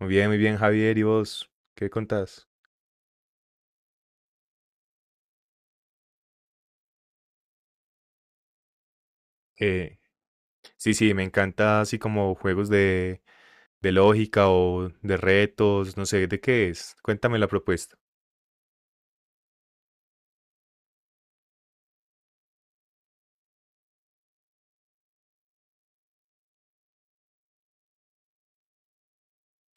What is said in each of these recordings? Muy bien, Javier. ¿Y vos qué contás? Eh, sí, sí, me encanta así como juegos de lógica o de retos, no sé, ¿de qué es? Cuéntame la propuesta.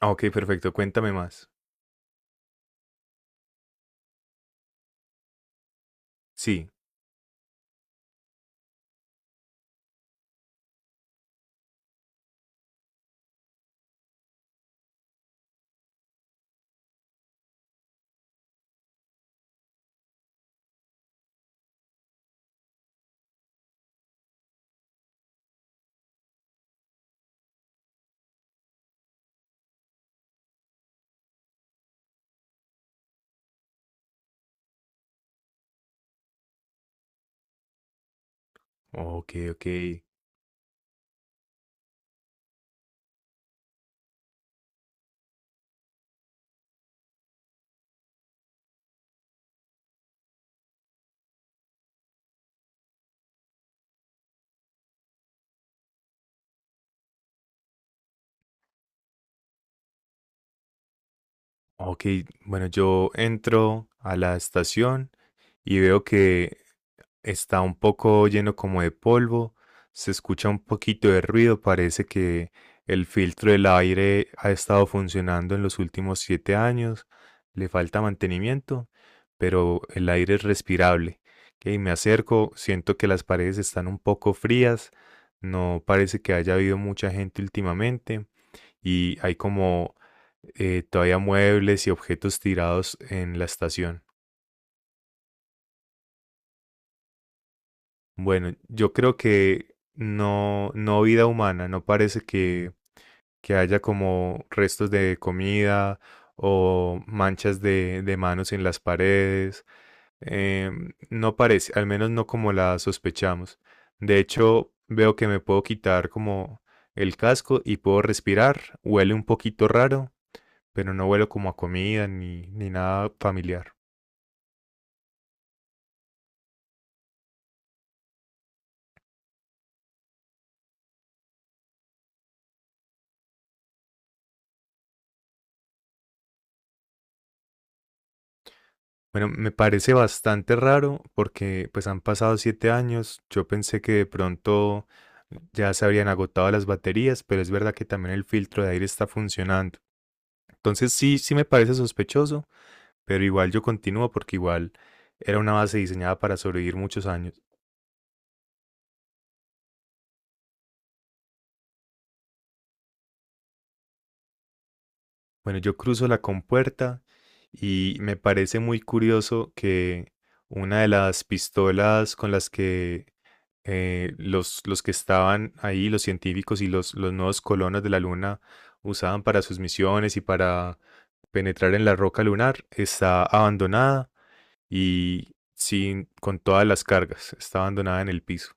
Ah, ok, perfecto, cuéntame más. Sí, ok, ok. Ok, bueno, yo entro a la estación y veo que está un poco lleno como de polvo, se escucha un poquito de ruido. Parece que el filtro del aire ha estado funcionando en los últimos 7 años, le falta mantenimiento, pero el aire es respirable. Y me acerco, siento que las paredes están un poco frías, no parece que haya habido mucha gente últimamente y hay como todavía muebles y objetos tirados en la estación. Bueno, yo creo que no, no vida humana, no parece que haya como restos de comida o manchas de manos en las paredes. No parece, al menos no como la sospechamos. De hecho, veo que me puedo quitar como el casco y puedo respirar. Huele un poquito raro, pero no huelo como a comida ni, ni nada familiar. Bueno, me parece bastante raro porque pues han pasado 7 años. Yo pensé que de pronto ya se habrían agotado las baterías, pero es verdad que también el filtro de aire está funcionando. Entonces sí, sí me parece sospechoso, pero igual yo continúo porque igual era una base diseñada para sobrevivir muchos años. Bueno, yo cruzo la compuerta y me parece muy curioso que una de las pistolas con las que los que estaban ahí, los científicos y los nuevos colonos de la Luna usaban para sus misiones y para penetrar en la roca lunar, está abandonada y sin, con todas las cargas, está abandonada en el piso.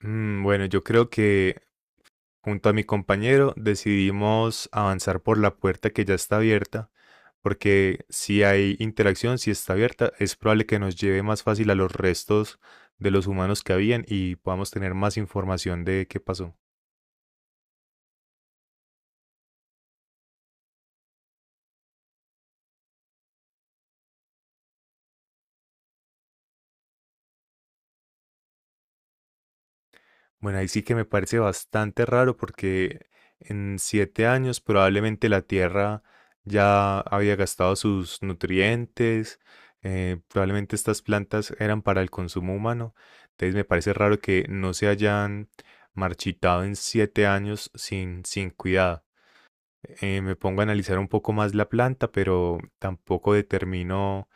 Mm, bueno, yo creo que junto a mi compañero decidimos avanzar por la puerta que ya está abierta, porque si hay interacción, si está abierta, es probable que nos lleve más fácil a los restos de los humanos que habían y podamos tener más información de qué pasó. Bueno, ahí sí que me parece bastante raro porque en siete años probablemente la tierra ya había gastado sus nutrientes. Probablemente estas plantas eran para el consumo humano, entonces me parece raro que no se hayan marchitado en 7 años sin, sin cuidado. Me pongo a analizar un poco más la planta, pero tampoco determino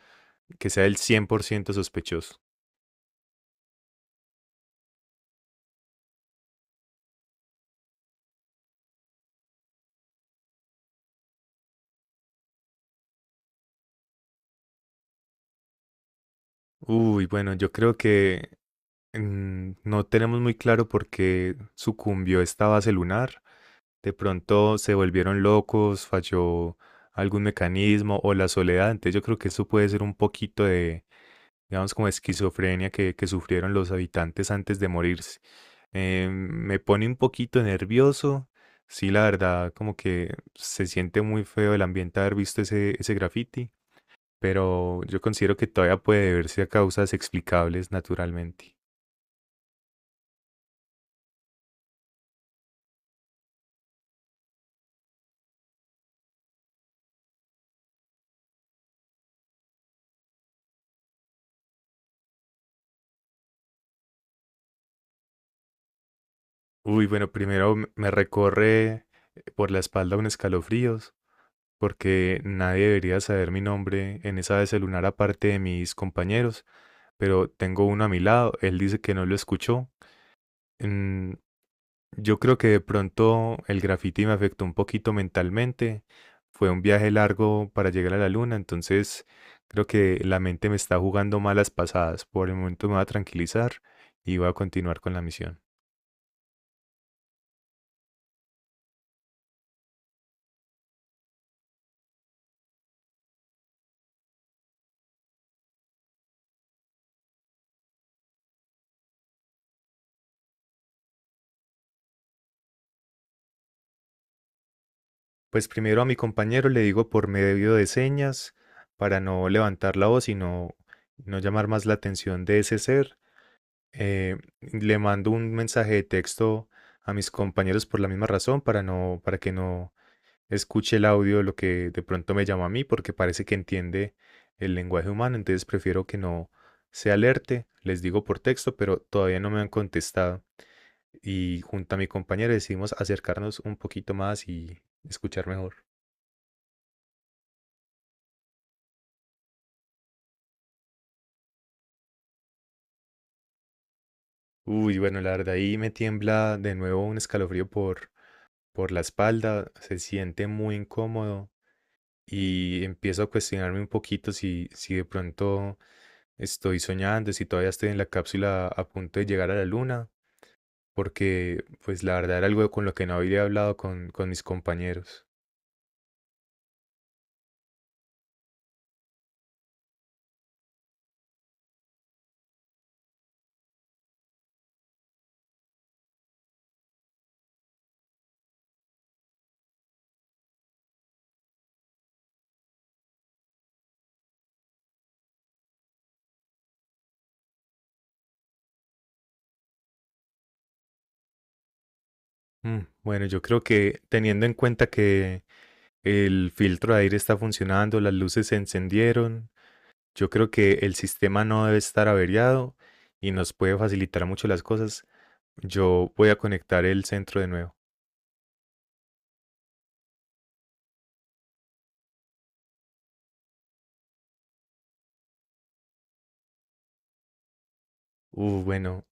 que sea el 100% sospechoso. Uy, bueno, yo creo que mm, no tenemos muy claro por qué sucumbió esta base lunar. De pronto se volvieron locos, falló algún mecanismo o la soledad. Entonces yo creo que eso puede ser un poquito de, digamos, como esquizofrenia que sufrieron los habitantes antes de morirse. Me pone un poquito nervioso. Sí, la verdad, como que se siente muy feo el ambiente haber visto ese, ese graffiti, pero yo considero que todavía puede deberse a causas explicables naturalmente. Uy, bueno, primero me recorre por la espalda un escalofríos, porque nadie debería saber mi nombre en esa vez el lunar aparte de mis compañeros, pero tengo uno a mi lado, él dice que no lo escuchó. Mm, yo creo que de pronto el graffiti me afectó un poquito mentalmente, fue un viaje largo para llegar a la luna, entonces creo que la mente me está jugando malas pasadas. Por el momento me va a tranquilizar y voy a continuar con la misión. Pues primero a mi compañero le digo por medio de señas para no levantar la voz y no, no llamar más la atención de ese ser. Le mando un mensaje de texto a mis compañeros por la misma razón para no, para que no escuche el audio de lo que de pronto me llama a mí, porque parece que entiende el lenguaje humano, entonces prefiero que no se alerte. Les digo por texto, pero todavía no me han contestado. Y junto a mi compañero decidimos acercarnos un poquito más y escuchar mejor. Uy, bueno, la verdad ahí me tiembla de nuevo un escalofrío por la espalda, se siente muy incómodo y empiezo a cuestionarme un poquito si, si de pronto estoy soñando, si todavía estoy en la cápsula a punto de llegar a la luna, porque pues la verdad era algo con lo que no había hablado con mis compañeros. Mm, bueno, yo creo que teniendo en cuenta que el filtro de aire está funcionando, las luces se encendieron, yo creo que el sistema no debe estar averiado y nos puede facilitar mucho las cosas. Yo voy a conectar el centro de nuevo. Bueno,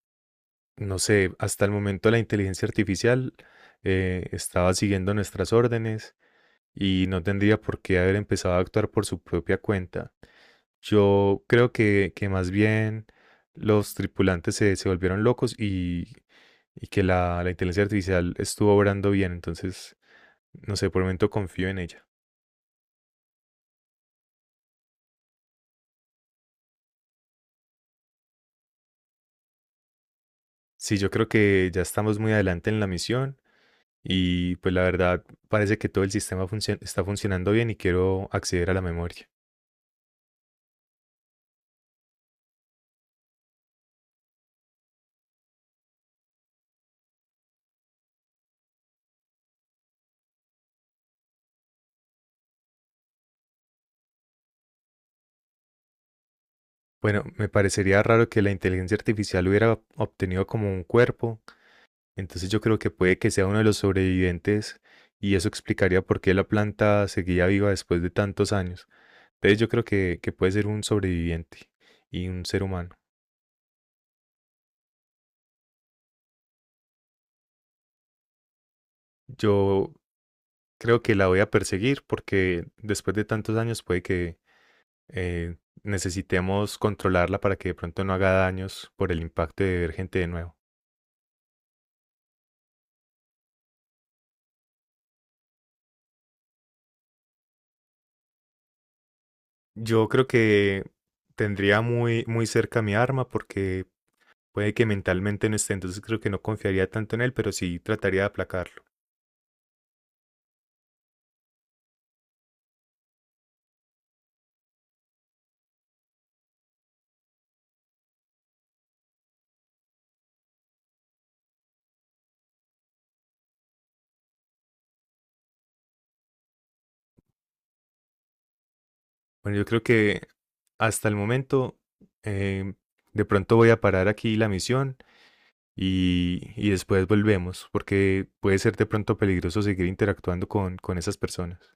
no sé, hasta el momento la inteligencia artificial estaba siguiendo nuestras órdenes y no tendría por qué haber empezado a actuar por su propia cuenta. Yo creo que más bien los tripulantes se, se volvieron locos y que la inteligencia artificial estuvo obrando bien. Entonces, no sé, por el momento confío en ella. Sí, yo creo que ya estamos muy adelante en la misión y pues la verdad parece que todo el sistema está funcionando bien y quiero acceder a la memoria. Bueno, me parecería raro que la inteligencia artificial hubiera obtenido como un cuerpo, entonces yo creo que puede que sea uno de los sobrevivientes y eso explicaría por qué la planta seguía viva después de tantos años. Entonces yo creo que puede ser un sobreviviente y un ser humano. Yo creo que la voy a perseguir porque después de tantos años puede que eh, necesitemos controlarla para que de pronto no haga daños por el impacto de ver gente de nuevo. Yo creo que tendría muy, muy cerca mi arma porque puede que mentalmente no esté, entonces creo que no confiaría tanto en él, pero sí trataría de aplacarlo. Bueno, yo creo que hasta el momento eh, de pronto voy a parar aquí la misión y después volvemos porque puede ser de pronto peligroso seguir interactuando con esas personas.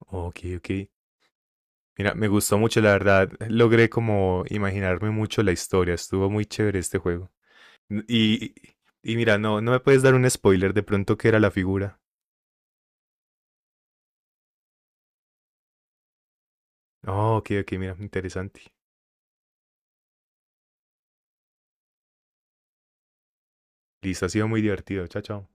Ok, ok. Mira, me gustó mucho, la verdad. Logré como imaginarme mucho la historia. Estuvo muy chévere este juego. N- Y, y mira, no, no me puedes dar un spoiler de pronto qué era la figura. Oh, ok, ok, mira, interesante. Listo, ha sido muy divertido. Chao, chao.